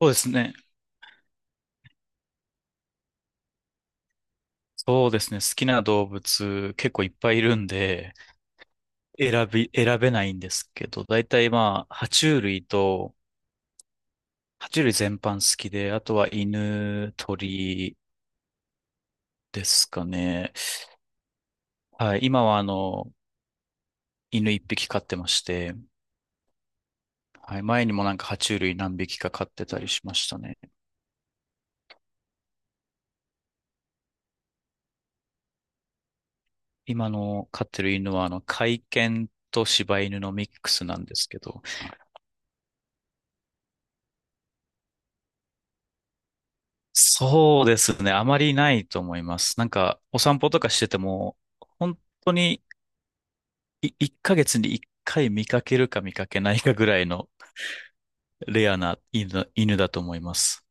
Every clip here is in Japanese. そうですね。そうですね。好きな動物結構いっぱいいるんで、選べないんですけど、大体まあ、爬虫類全般好きで、あとは犬、鳥ですかね。はい。今は犬一匹飼ってまして、はい。前にもなんか爬虫類何匹か飼ってたりしましたね。今の飼ってる犬は甲斐犬と柴犬のミックスなんですけど、そうですね。あまりないと思います。なんか、お散歩とかしてても、本当に1ヶ月に1回見かけるか見かけないかぐらいのレアな犬だと思います。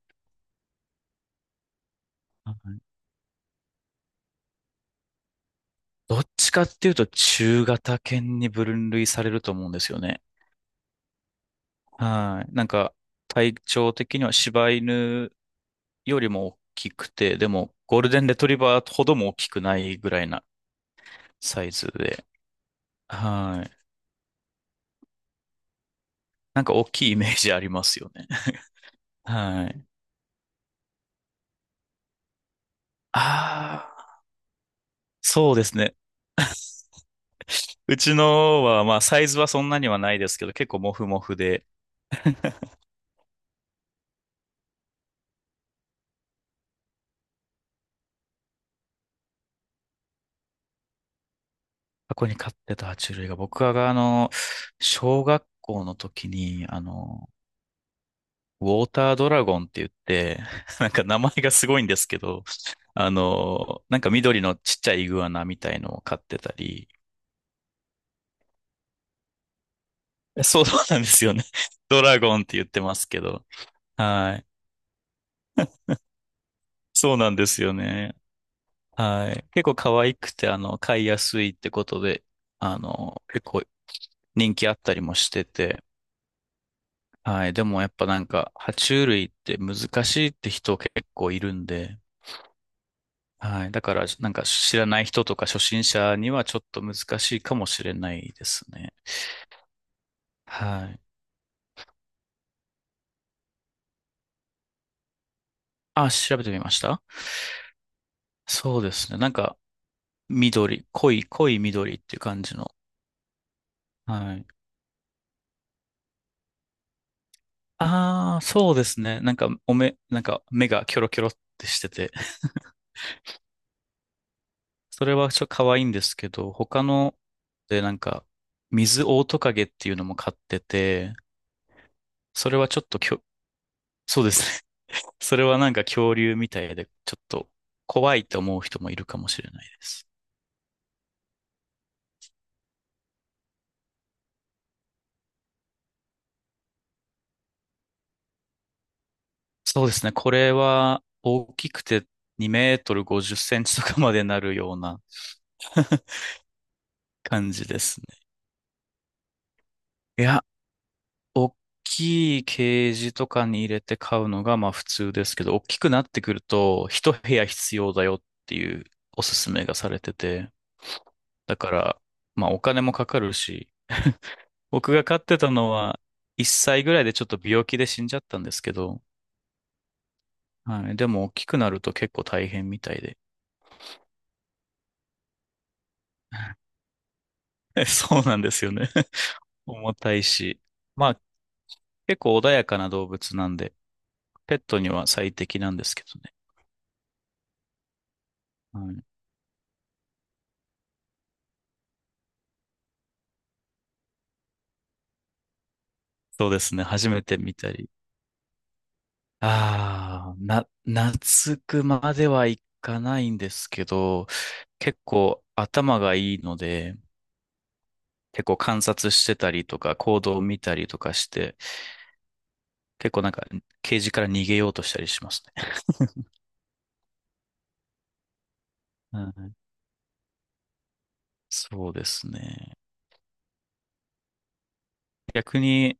はい。どっちかっていうと、中型犬に分類されると思うんですよね。はい。なんか、体長的には柴犬よりも大きくて、でも、ゴールデンレトリバーほども大きくないぐらいなサイズで、はい。なんか大きいイメージありますよね。はい。ああ、そうですね。うちのは、まあ、サイズはそんなにはないですけど、結構モフモフで、箱に飼ってた爬虫類が、僕が、小学校の時に、ウォータードラゴンって言って、なんか名前がすごいんですけど、なんか緑のちっちゃいイグアナみたいのを飼ってたり、そうそうなんですよね。ドラゴンって言ってますけど、はい。そうなんですよね。はい。結構可愛くて、飼いやすいってことで、結構人気あったりもしてて、はい。でもやっぱなんか、爬虫類って難しいって人結構いるんで、はい。だから、なんか知らない人とか初心者にはちょっと難しいかもしれないですね。はい。あ、調べてみました？そうですね。なんか、緑、濃い緑っていう感じの。はい。ああ、そうですね。なんか、なんか目がキョロキョロってしてて、それはちょっと可愛いんですけど、他のでなんか、水オオトカゲっていうのも飼ってて、それはちょっときょ、そうですね。それはなんか恐竜みたいで、ちょっと怖いと思う人もいるかもしれないです。そうですね。これは大きくて2メートル50センチとかまでなるような 感じですね。いや、大きいケージとかに入れて飼うのがまあ普通ですけど、大きくなってくると一部屋必要だよっていうおすすめがされてて、だからまあお金もかかるし、僕が飼ってたのは1歳ぐらいでちょっと病気で死んじゃったんですけど、はい、でも大きくなると結構大変みたいで。そうなんですよね。重たいし。まあ結構穏やかな動物なんで、ペットには最適なんですけどね。はい、そうですね。初めて見たり。ああ、懐くまではいかないんですけど、結構頭がいいので、結構観察してたりとか、行動を見たりとかして、結構なんか、ケージから逃げようとしたりしますね。うん、そうですね。逆に、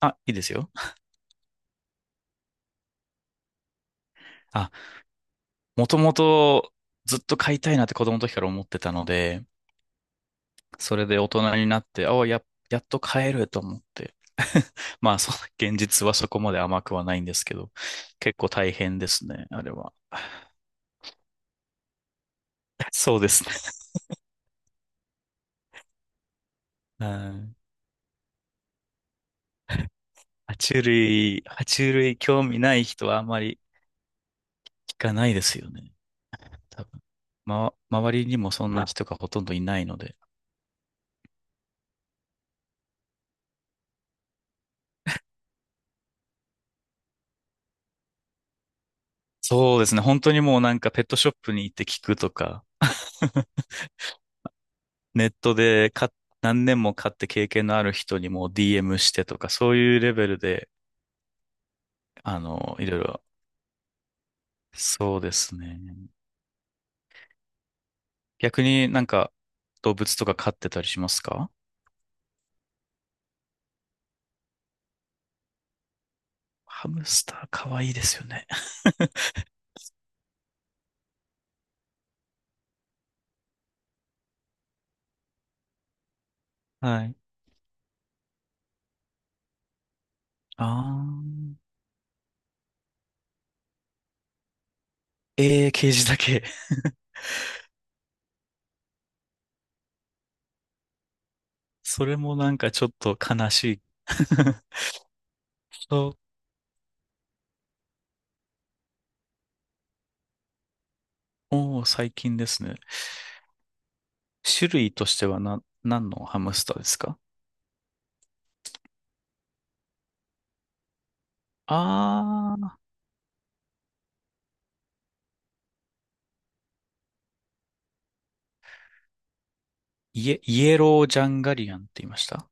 あ、いいですよ。あ、もともとずっと飼いたいなって子供の時から思ってたので、それで大人になって、やっと帰ると思って。まあ、そう、現実はそこまで甘くはないんですけど、結構大変ですね、あれは。そうですね。はい。爬虫類興味ない人はあまり聞かないですよね。多分。ま、周りにもそんな人がほとんどいないので。そうですね。本当にもうなんかペットショップに行って聞くとか、ネットで買っ何年も買って経験のある人にもう DM してとか、そういうレベルでいろいろ。そうですね。逆になんか動物とか飼ってたりしますか？ハムスターかわいいですよね。はい。あー。えー、ケージだけ。それもなんかちょっと悲しい。そう。おー、最近ですね。種類としては何のハムスターですか？あー、イエロージャンガリアンって言いました？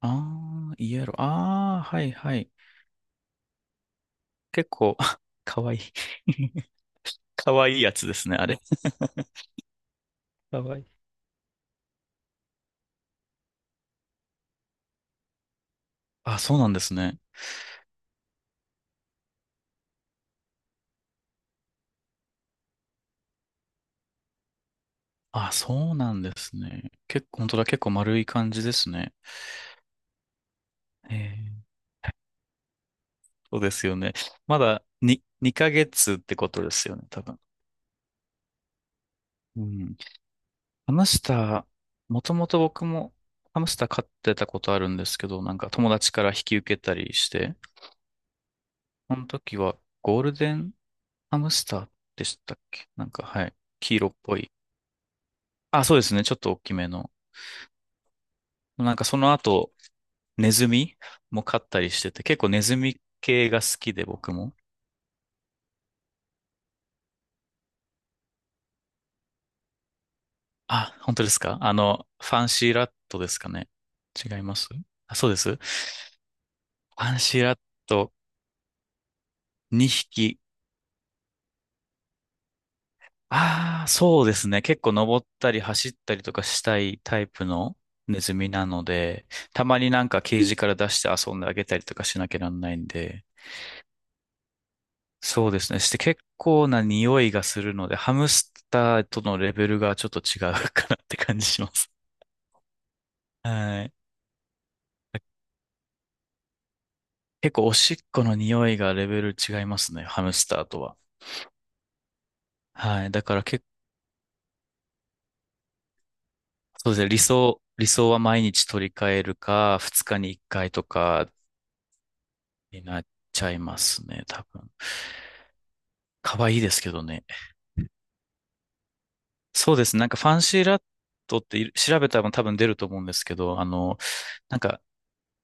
あー、イエロー。あー、はいはい。結構、かわいい。かわいいやつですね、あれ。かわいい。あ、そうなんですね。あ、そうなんですね。本当だ、結構丸い感じですね。ええ、そうですよね。まだ2、二ヶ月ってことですよね、多分。うん。ハムスター、もともと僕もハムスター飼ってたことあるんですけど、なんか友達から引き受けたりして、その時はゴールデンハムスターでしたっけなんか、はい。黄色っぽい。あ、そうですね。ちょっと大きめの。なんかその後、ネズミも飼ったりしてて、結構ネズミ系が好きで僕も。あ、本当ですか？ファンシーラットですかね？違います？あ、そうです。ファンシーラット2匹。ああ、そうですね。結構登ったり走ったりとかしたいタイプのネズミなので、たまになんかケージから出して遊んであげたりとかしなきゃなんないんで、そうですね。して結構な匂いがするので、ハムスターとのレベルがちょっと違うかなって感じします。はい。結構おしっこの匂いがレベル違いますね、ハムスターとは。はい。だから結構、そうですね、理想は毎日取り替えるか、2日に1回とかになっちゃいますね、多分。可愛いですけどね。そうですね、なんかファンシーラットって調べたら多分出ると思うんですけど、なんか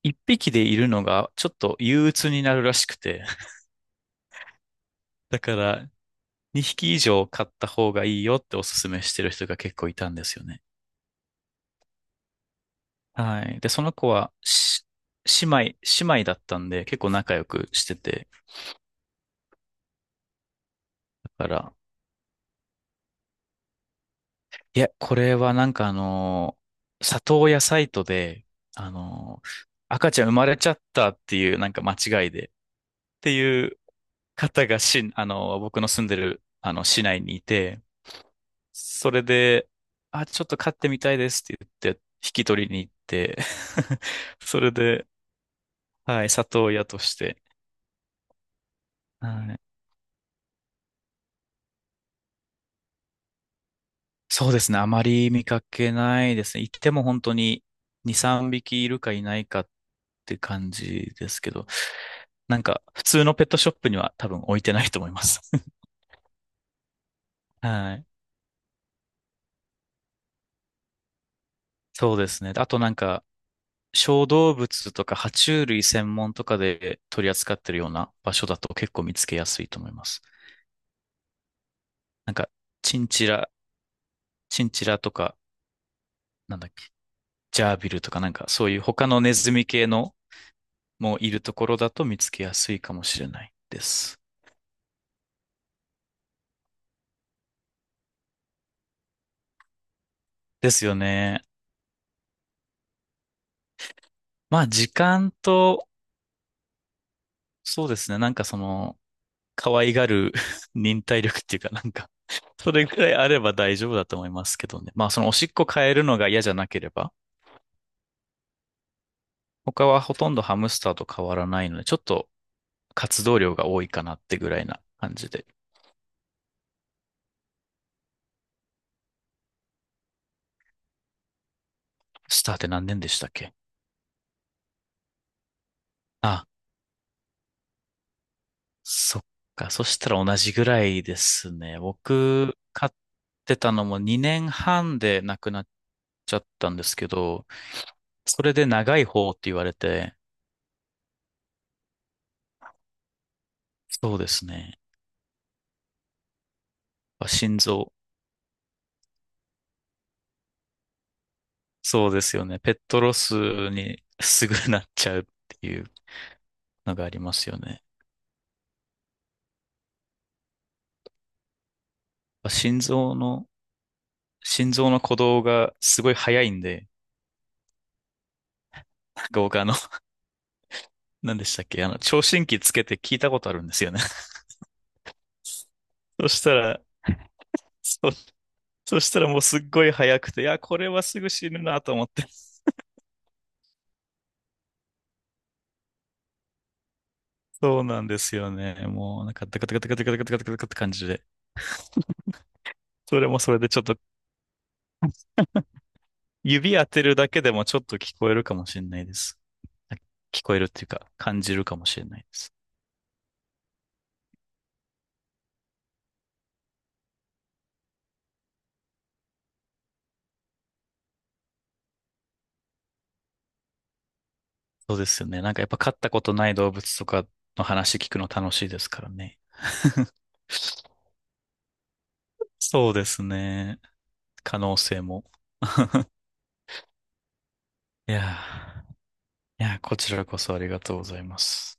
一匹でいるのがちょっと憂鬱になるらしくて、だから2匹以上飼った方がいいよっておすすめしてる人が結構いたんですよね。はい。で、その子は、姉妹だったんで、結構仲良くしてて。だから、いや、これはなんか里親サイトで、あのー、赤ちゃん生まれちゃったっていうなんか間違いで、っていう方が僕の住んでる、市内にいて、それで、あ、ちょっと飼ってみたいですって言って、引き取りに行って、それで、はい、里親として、はい、そうですね。あまり見かけないですね。行っても本当に2、3匹いるかいないかって感じですけど、なんか普通のペットショップには多分置いてないと思います。はい。そうですね。あとなんか小動物とか爬虫類専門とかで取り扱ってるような場所だと結構見つけやすいと思います。なんかチンチラ、チンチラとか、なんだっけ、ジャービルとかなんかそういう他のネズミ系のもいるところだと見つけやすいかもしれないです。ですよね。まあ、時間と、そうですね。なんかその、可愛がる 忍耐力っていうか、なんか それぐらいあれば大丈夫だと思いますけどね。まあ、そのおしっこ変えるのが嫌じゃなければ、他はほとんどハムスターと変わらないので、ちょっと活動量が多いかなってぐらいな感じで。スターって何年でしたっけ？あ、そっか。そしたら同じぐらいですね。僕、飼ってたのも2年半で亡くなっちゃったんですけど、それで長い方って言われて、そうですね。あ心臓、そうですよね。ペットロスにすぐなっちゃうっていうのがありますよね。あ心臓の、心臓の鼓動がすごい早いんで、なんか僕何でしたっけ、聴診器つけて聞いたことあるんですよね。そしたら、そ、そしたらもうすっごい早くて、いや、これはすぐ死ぬなと思って。そうなんですよね。もうなんか、ダカダカダカダカダカダカダカって感じで。それもそれでちょっと指当てるだけでもちょっと聞こえるかもしれないです。聞こえるっていうか、感じるかもしれないです。そうですよね。なんかやっぱ飼ったことない動物とかの話聞くの楽しいですからね。そうですね。可能性も。いやー、いやー、こちらこそありがとうございます。